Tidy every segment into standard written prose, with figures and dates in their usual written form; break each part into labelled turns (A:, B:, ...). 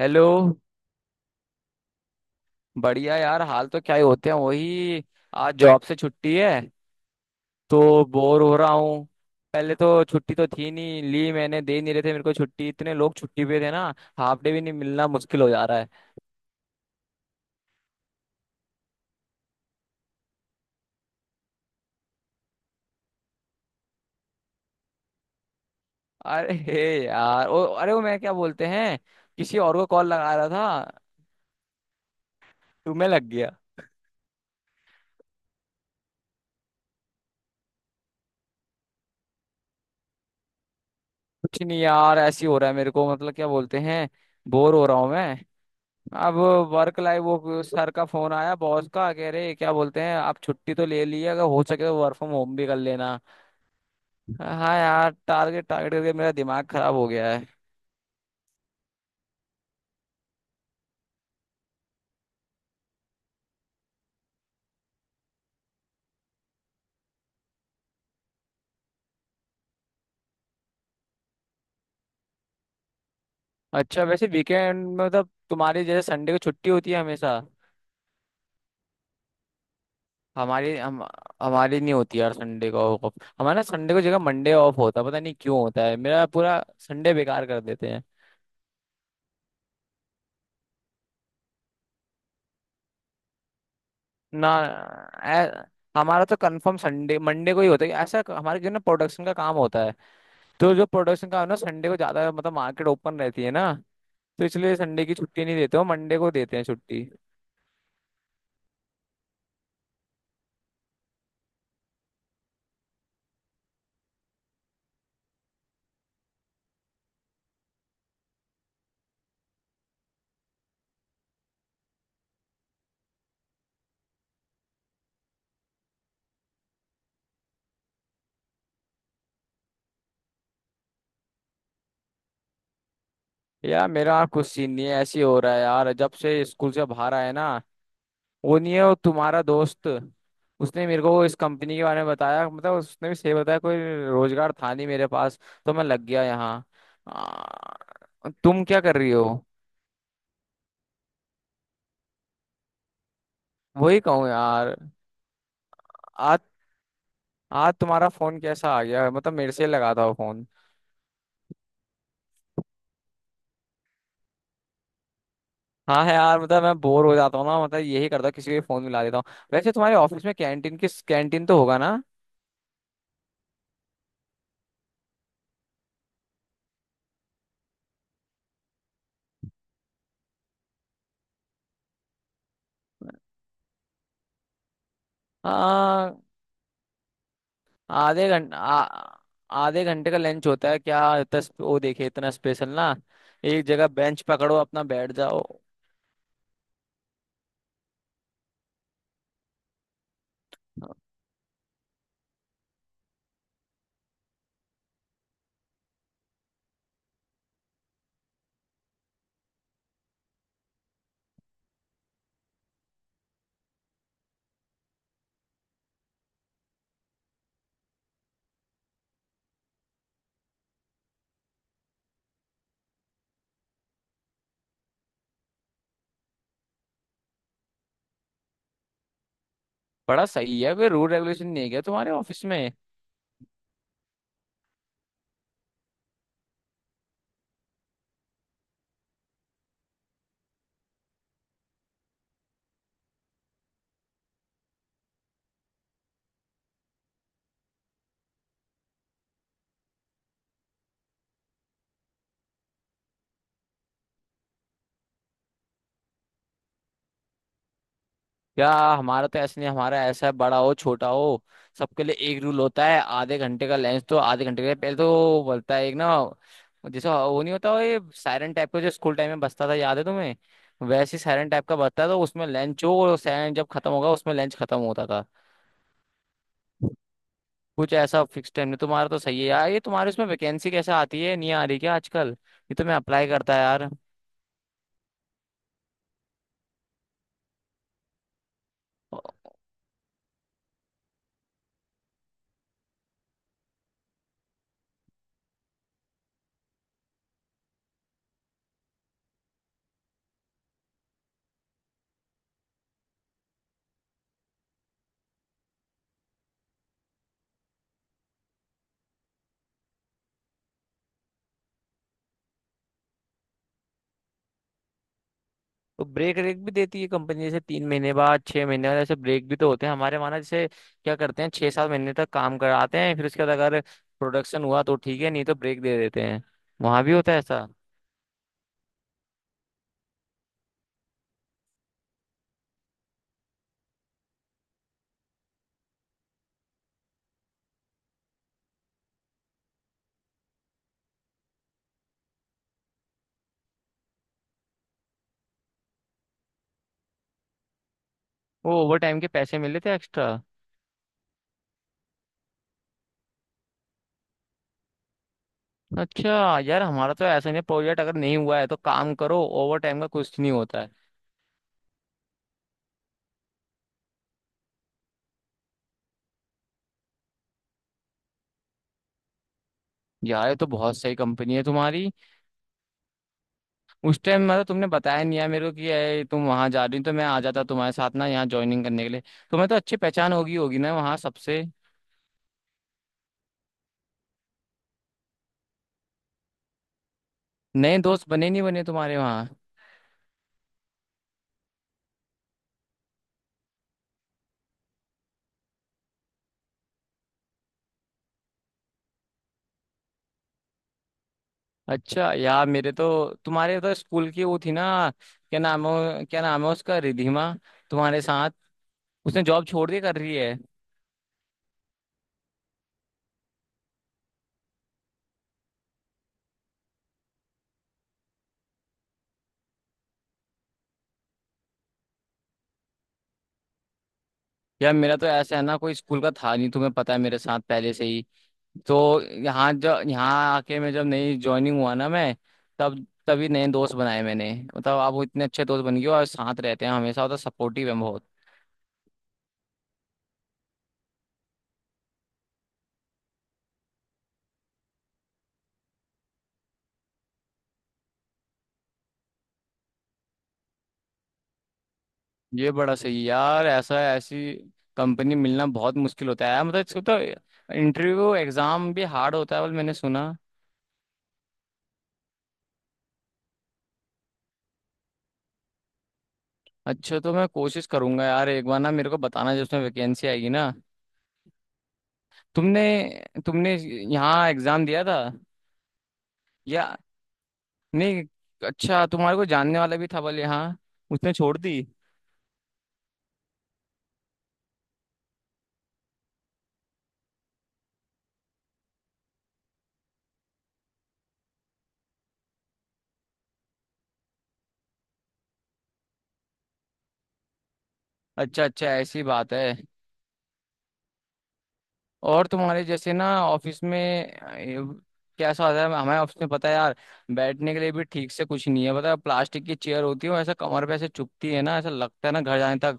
A: Hello. बढ़िया यार, हाल तो क्या ही होते हैं, वही। आज जॉब से छुट्टी है तो बोर हो रहा हूँ। पहले तो छुट्टी तो थी नहीं, ली मैंने, दे नहीं रहे थे मेरे को छुट्टी, इतने लोग छुट्टी पे थे ना। हाफ डे भी नहीं, मिलना मुश्किल हो जा रहा है। अरे हे यार, ओ अरे वो मैं क्या बोलते हैं, किसी और को कॉल लगा रहा था, तुम्हें लग गया। कुछ नहीं यार, ऐसी हो रहा है मेरे को, मतलब क्या बोलते हैं, बोर हो रहा हूँ मैं अब। वर्क लाइफ, वो सर का फोन आया, बॉस का, कह रहे क्या बोलते हैं, आप छुट्टी तो ले लिए, अगर हो सके तो वर्क फ्रॉम होम भी कर लेना। हाँ यार, टारगेट टारगेट करके मेरा दिमाग खराब हो गया है। अच्छा वैसे वीकेंड में, मतलब तुम्हारी जैसे संडे को छुट्टी होती है हमेशा। हमारी हम हमारी नहीं होती यार संडे को ऑफ। हमारा संडे को जगह मंडे ऑफ होता है, पता नहीं क्यों होता है, मेरा पूरा संडे बेकार कर देते हैं। ना। ऐ- हमारा तो कंफर्म संडे मंडे को ही होता है। ऐसा हमारे जो ना, प्रोडक्शन का काम होता है, तो जो प्रोडक्शन का है ना, संडे को ज्यादा मतलब मार्केट ओपन रहती है ना, तो इसलिए संडे की छुट्टी नहीं देते, हो मंडे को देते हैं छुट्टी। यार मेरा कुछ सीन नहीं है, ऐसे ही हो रहा है यार। जब से स्कूल से बाहर आए ना, वो नहीं है वो तुम्हारा दोस्त, उसने मेरे को इस कंपनी के बारे में बताया। मतलब उसने भी सही बताया, कोई रोजगार था नहीं मेरे पास, तो मैं लग गया यहाँ। तुम क्या कर रही हो? वही कहूँ यार। आज आज तुम्हारा फोन कैसा आ गया, मतलब मेरे से लगा था वो फोन। हाँ है यार, मतलब मैं बोर हो जाता हूँ ना, मतलब यही करता हूँ, किसी को फोन मिला देता हूँ। वैसे तुम्हारे ऑफिस में कैंटीन, किस कैंटीन तो होगा ना? हाँ। आधे घंटे, आधे घंटे का लंच होता है क्या? इतना वो देखे, इतना स्पेशल ना, एक जगह बेंच पकड़ो अपना बैठ जाओ। बड़ा सही है, कोई रूल रेगुलेशन नहीं है क्या तुम्हारे ऑफिस में? या हमारा तो ऐसा नहीं, हमारा ऐसा है बड़ा हो छोटा हो, सबके लिए एक रूल होता है। आधे घंटे का लंच तो आधे घंटे का, पहले तो बोलता है एक ना, जैसे वो नहीं होता वो, ये सायरन टाइप का जो स्कूल टाइम में बजता था, याद है तुम्हें? वैसे ही सायरन टाइप का बजता था, तो उसमें लंच हो, और सायरन जब खत्म होगा उसमें लंच खत्म होता था। कुछ ऐसा फिक्स टाइम नहीं तुम्हारा, तो सही है यार ये तुम्हारे। उसमें वैकेंसी कैसे आती है, नहीं आ रही क्या आजकल? ये तो मैं अप्लाई करता है यार। तो ब्रेक रेक भी देती है कंपनी, जैसे तीन महीने बाद, छह महीने बाद, ऐसे ब्रेक भी तो होते हैं हमारे वहाँ ना। जैसे क्या करते हैं, छह सात महीने तक काम कराते हैं, फिर उसके बाद अगर प्रोडक्शन हुआ तो ठीक है, नहीं तो ब्रेक दे देते हैं। वहाँ भी होता है ऐसा? वो ओवर टाइम के पैसे मिले थे एक्स्ट्रा? अच्छा यार, हमारा तो ऐसा नहीं, प्रोजेक्ट अगर नहीं हुआ है तो काम करो, ओवर टाइम का कुछ नहीं होता है। यार ये तो बहुत सही कंपनी है तुम्हारी। उस टाइम मतलब तुमने बताया नहीं यार मेरे को कि ये तुम वहाँ जा रही हो, तो मैं आ जाता तुम्हारे साथ ना, यहाँ ज्वाइनिंग करने के लिए। तुम्हें तो अच्छी पहचान होगी होगी ना वहाँ सबसे। नए दोस्त बने नहीं बने तुम्हारे वहाँ? अच्छा यार मेरे तो, तुम्हारे तो स्कूल की वो थी ना, क्या नाम है, क्या नाम है उसका, रिधिमा, तुम्हारे साथ। उसने जॉब छोड़ दी, कर रही है? यार मेरा तो ऐसा है ना, कोई स्कूल का था नहीं तुम्हें पता है, मेरे साथ पहले से ही। तो यहाँ जब यहाँ आके मैं जब नई ज्वाइनिंग हुआ ना मैं, तब तभी नए दोस्त बनाए मैंने। मतलब आप वो इतने अच्छे दोस्त बन गए हो, और साथ रहते हैं हमेशा, और तो सपोर्टिव है बहुत। ये बड़ा सही यार, ऐसा ऐसी कंपनी मिलना बहुत मुश्किल होता है यार। मतलब इसको तो इंटरव्यू एग्जाम भी हार्ड होता है बल, मैंने सुना। अच्छा तो मैं कोशिश करूंगा यार, एक बार ना मेरे को बताना जब उसमें वैकेंसी आएगी ना। तुमने तुमने यहाँ एग्जाम दिया था या नहीं? अच्छा तुम्हारे को जानने वाला भी था बल यहाँ, उसने छोड़ दी? अच्छा अच्छा, ऐसी बात है। और तुम्हारे जैसे ना ऑफिस में, कैसा होता है? हमारे ऑफिस में पता है यार, बैठने के लिए भी ठीक से कुछ नहीं है, पता है, प्लास्टिक की चेयर होती है, वो ऐसा कमर पे ऐसे चुभती है ना, ऐसा लगता है ना, घर जाने तक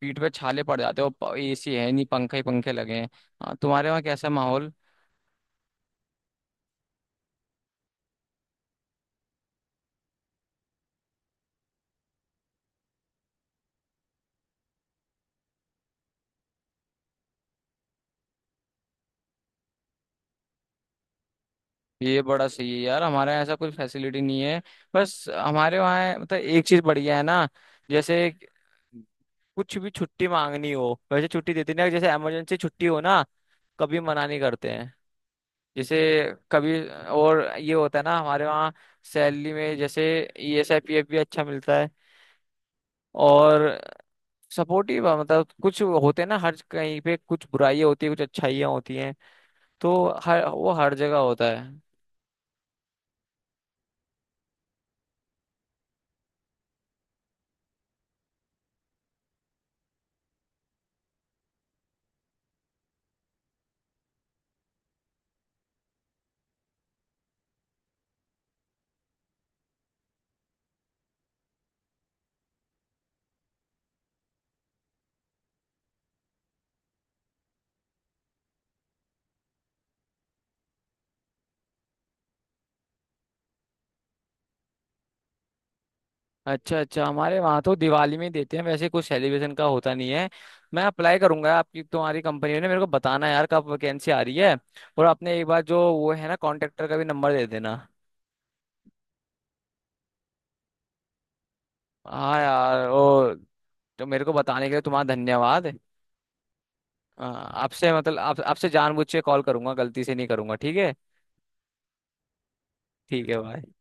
A: पीठ पे छाले पड़ जाते हो। एसी है नहीं, पंखे ही पंखे लगे हैं। हाँ, तुम्हारे वहाँ कैसा माहौल? ये बड़ा सही है यार, हमारे यहाँ ऐसा कोई फैसिलिटी नहीं है। बस हमारे वहाँ मतलब एक चीज बढ़िया है ना, जैसे कुछ भी छुट्टी मांगनी हो, वैसे छुट्टी देते नहीं, जैसे इमरजेंसी छुट्टी हो ना, कभी मना नहीं करते हैं। जैसे कभी, और ये होता है ना हमारे वहाँ, सैलरी में जैसे ईएसआई पीएफ भी अच्छा मिलता है, और सपोर्टिव, मतलब कुछ होते हैं ना, हर कहीं पे कुछ बुराइयाँ होती है, कुछ अच्छाइयाँ होती हैं, तो हर वो हर जगह होता है। अच्छा अच्छा, हमारे वहाँ तो दिवाली में ही देते हैं, वैसे कुछ सेलिब्रेशन का होता नहीं है। मैं अप्लाई करूंगा आपकी तुम्हारी कंपनी ने, मेरे को बताना यार कब वैकेंसी आ रही है। और आपने एक बार जो वो है ना, कॉन्ट्रेक्टर का भी नंबर दे देना। हाँ यार, और तो मेरे को बताने के लिए तुम्हारा धन्यवाद। हाँ, आपसे मतलब आप, आपसे जानबूझ के कॉल करूंगा, गलती से नहीं करूंगा ठीक है। ठीक है भाई।